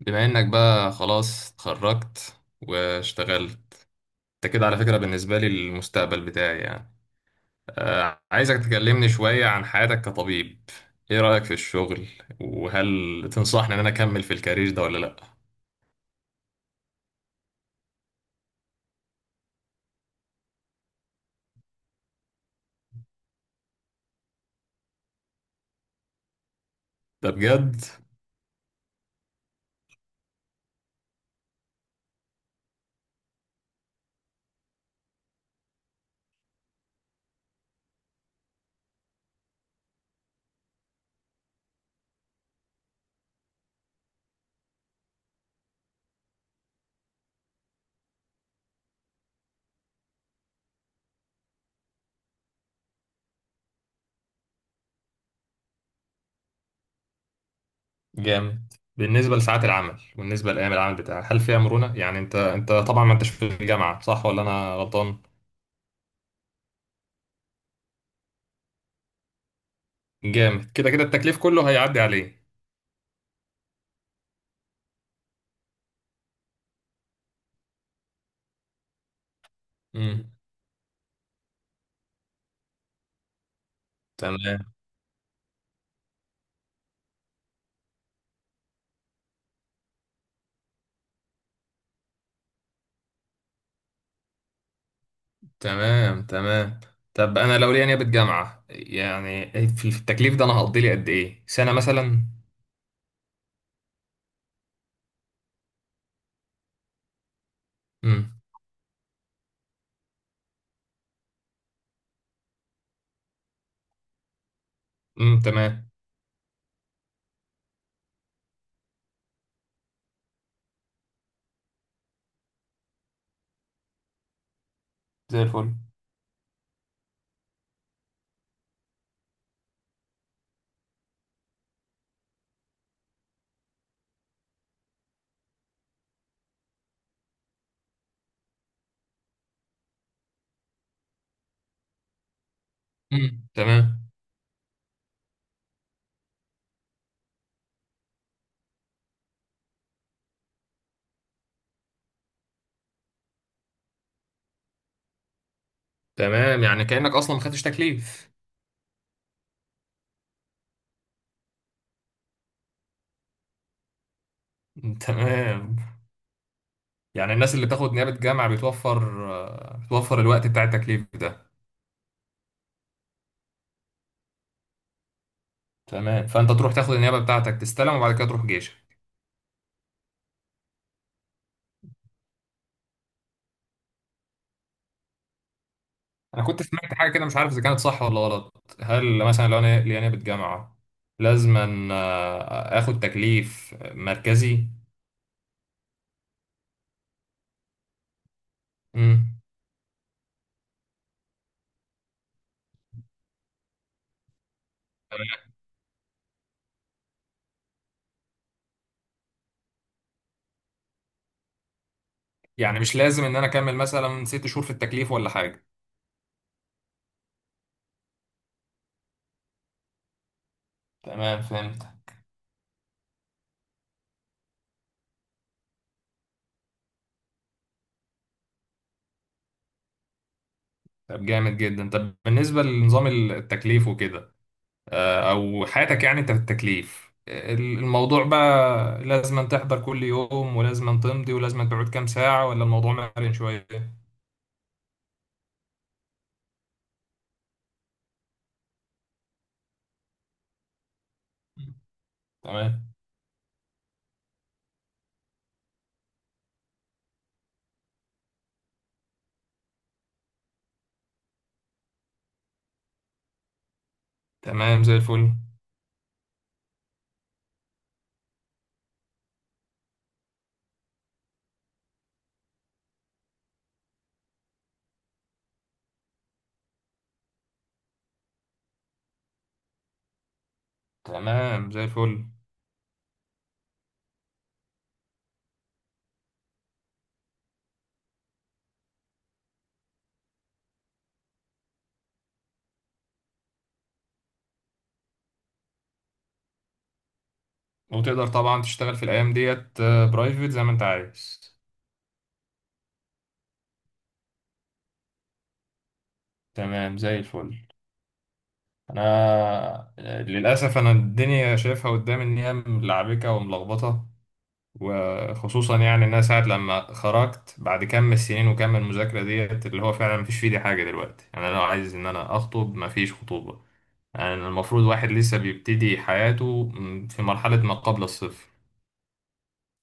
بما انك بقى خلاص اتخرجت واشتغلت. انت كده على فكرة، بالنسبة لي المستقبل بتاعي يعني آه، عايزك تكلمني شوية عن حياتك كطبيب. ايه رأيك في الشغل؟ وهل تنصحني ان انا اكمل في الكارير ده ولا لا؟ ده بجد؟ جامد. بالنسبة لساعات العمل وبالنسبة لأيام العمل بتاعك هل فيها مرونة؟ يعني انت طبعا ما انتش في الجامعة، صح ولا انا غلطان؟ جامد. كده كده التكليف كله هيعدي عليه. امم، تمام. تمام. تمام. طب انا لو ليا نيابة جامعة يعني في التكليف ده انا هقضي لي قد ايه، سنة مثلا؟ امم. امم، تمام. زي الفل. امم، تمام. تمام. يعني كأنك اصلا ما خدتش تكليف. مم، تمام. يعني الناس اللي بتاخد نيابة جامعة بتوفر بتوفر الوقت بتاع التكليف ده. تمام. فانت تروح تاخد النيابة بتاعتك تستلم وبعد كده تروح جيشك. انا كنت سمعت حاجه كده، مش عارف اذا كانت صح ولا غلط. هل مثلا لو انا ليا جامعه لازم أن، آه، اخد تكليف مركزي؟ امم. يعني مش لازم ان انا اكمل مثلا 6 شهور في التكليف ولا حاجه؟ تمام، فهمت. طب جامد جدا. طب بالنسبه لنظام التكليف وكده او حياتك، يعني انت في التكليف الموضوع بقى لازم أن تحضر كل يوم ولازم أن تمضي ولازم أن تقعد كام ساعه، ولا الموضوع مرن شويه؟ تمام. تمام، زي الفل. تمام، زي الفل. وتقدر طبعا تشتغل في الأيام ديت برايفت زي ما أنت عايز؟ تمام، زي الفل. أنا للأسف أنا الدنيا شايفها قدامي إن هي ملعبكة وملخبطة. وخصوصا يعني إن أنا ساعة لما خرجت بعد كم السنين وكم المذاكرة ديت اللي هو فعلا مفيش في إيدي حاجة دلوقتي، يعني أنا لو عايز إن أنا أخطب مفيش خطوبة. يعني المفروض واحد لسه بيبتدي حياته في مرحلة ما قبل الصفر.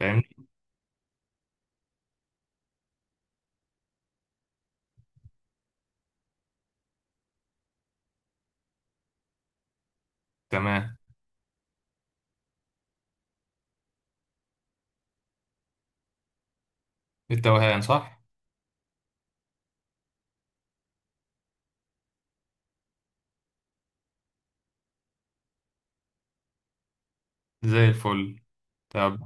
فاهمني؟ تمام. التوهان، صح؟ زي الفل. طب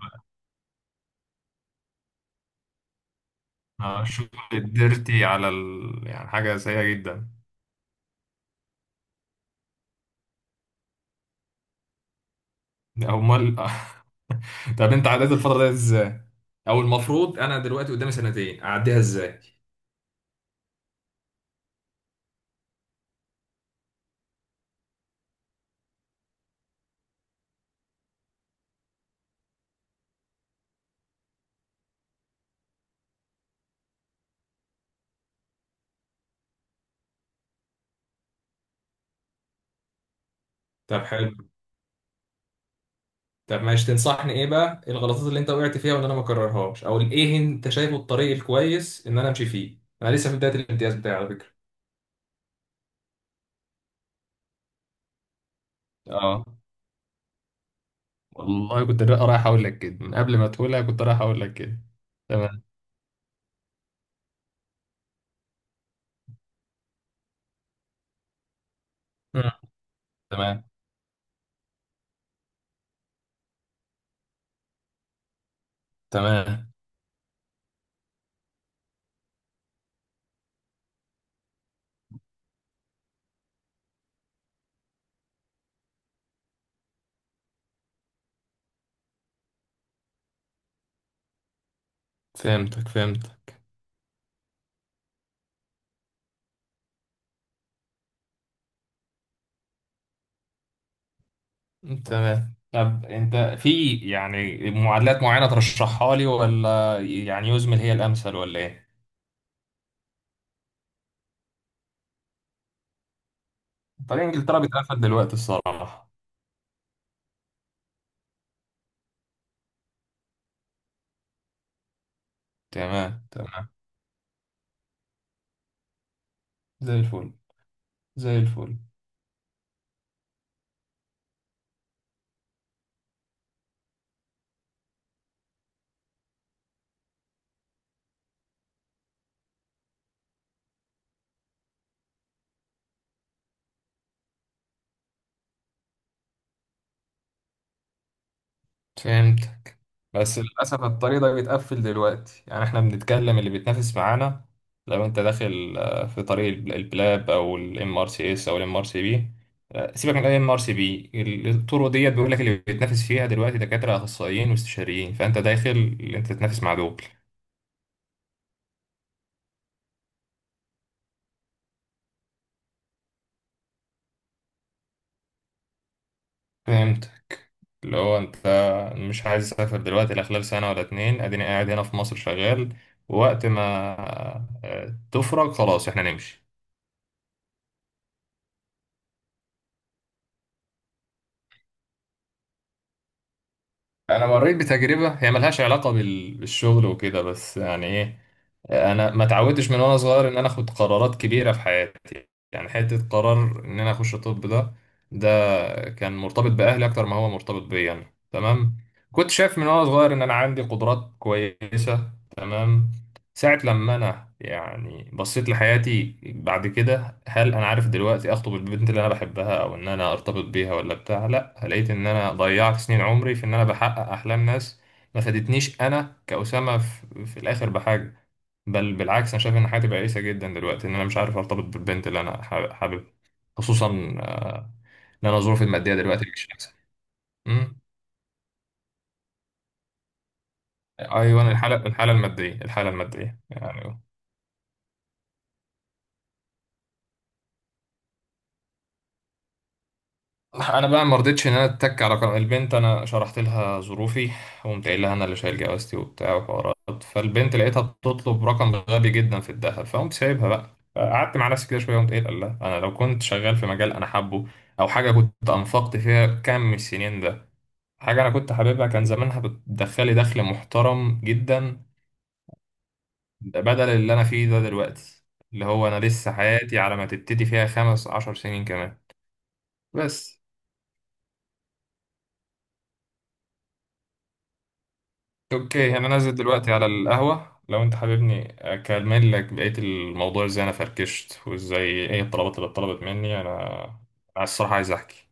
الشغل الديرتي على يعني حاجة سيئة جدا. أمال طب أنت عديت الفترة دي إزاي؟ أو المفروض أنا دلوقتي قدامي سنتين أعديها إزاي؟ طب حلو. طب ماشي، تنصحني إيه بقى؟ إيه الغلطات اللي أنت وقعت فيها وإن أنا ما أكررهاش؟ أو إيه أنت شايفه الطريق الكويس إن أنا أمشي فيه؟ أنا لسه في بداية الامتياز بتاعي على فكرة. اه. والله كنت رايح أقول لك كده من قبل ما تقولها، كنت رايح أقول لك كده. تمام. مم. تمام. تمام. فهمتك فهمتك. تمام. طب انت في يعني معادلات معينة ترشحها لي ولا يعني يزمل هي الامثل ولا ايه؟ طريق انجلترا بيتقفل دلوقتي الصراحة. تمام. تمام، زي الفل. زي الفل. فهمت. بس للأسف الطريق ده بيتقفل دلوقتي. يعني احنا بنتكلم اللي بيتنافس معانا لو انت داخل في طريق البلاب او الام ار سي اس او الام ار سي بي. سيبك من الام ار سي بي. الطرق ديت بيقول لك اللي بيتنافس فيها دلوقتي دكاترة اخصائيين واستشاريين، فانت داخل اللي انت تتنافس مع دول. فهمت. اللي هو انت مش عايز اسافر دلوقتي لا خلال سنة ولا اتنين، اديني قاعد هنا في مصر شغال. ووقت ما تفرج خلاص احنا نمشي. انا مريت بتجربه هي ملهاش علاقه بالشغل وكده، بس يعني ايه، انا ما اتعودتش من وانا صغير ان انا اخد قرارات كبيره في حياتي. يعني حته قرار ان انا اخش طب ده، ده كان مرتبط باهلي اكتر ما هو مرتبط بيا انا. تمام. كنت شايف من وانا صغير ان انا عندي قدرات كويسه. تمام. ساعة لما أنا يعني بصيت لحياتي بعد كده، هل أنا عارف دلوقتي أخطب البنت اللي أنا بحبها أو إن أنا أرتبط بيها ولا بتاع؟ لأ، لقيت إن أنا ضيعت سنين عمري في إن أنا بحقق أحلام ناس ما فادتنيش، أنا كأسامة في الآخر بحاجة. بل بالعكس أنا شايف إن حياتي بائسة جدا دلوقتي، إن أنا مش عارف أرتبط بالبنت اللي أنا حاببها. خصوصا آه، إن أنا ظروفي المادية دلوقتي مش أحسن. أمم. أيوة، الحالة المادية، الحالة المادية يعني. انا بقى ما رضيتش ان انا اتك على قرار البنت. انا شرحت لها ظروفي وقمت قايل لها انا اللي شايل جوازتي وبتاع وحوارات، فالبنت لقيتها بتطلب رقم غبي جدا في الذهب. فقمت سايبها بقى، قعدت مع نفسي كده شويه وقمت قايل لها انا لو كنت شغال في مجال انا حابه، او حاجه كنت انفقت فيها كام من السنين ده، حاجه انا كنت حاببها، كان زمانها بتدخلي دخل محترم جدا. بدل اللي انا فيه ده دلوقتي، اللي هو انا لسه حياتي على ما تبتدي فيها 15 سنين كمان. بس. اوكي انا نازل دلوقتي على القهوة، لو انت حاببني اكمل لك بقية الموضوع ازاي انا فركشت وازاي ايه الطلبات اللي اتطلبت مني انا. انا الصراحة عايز احكي.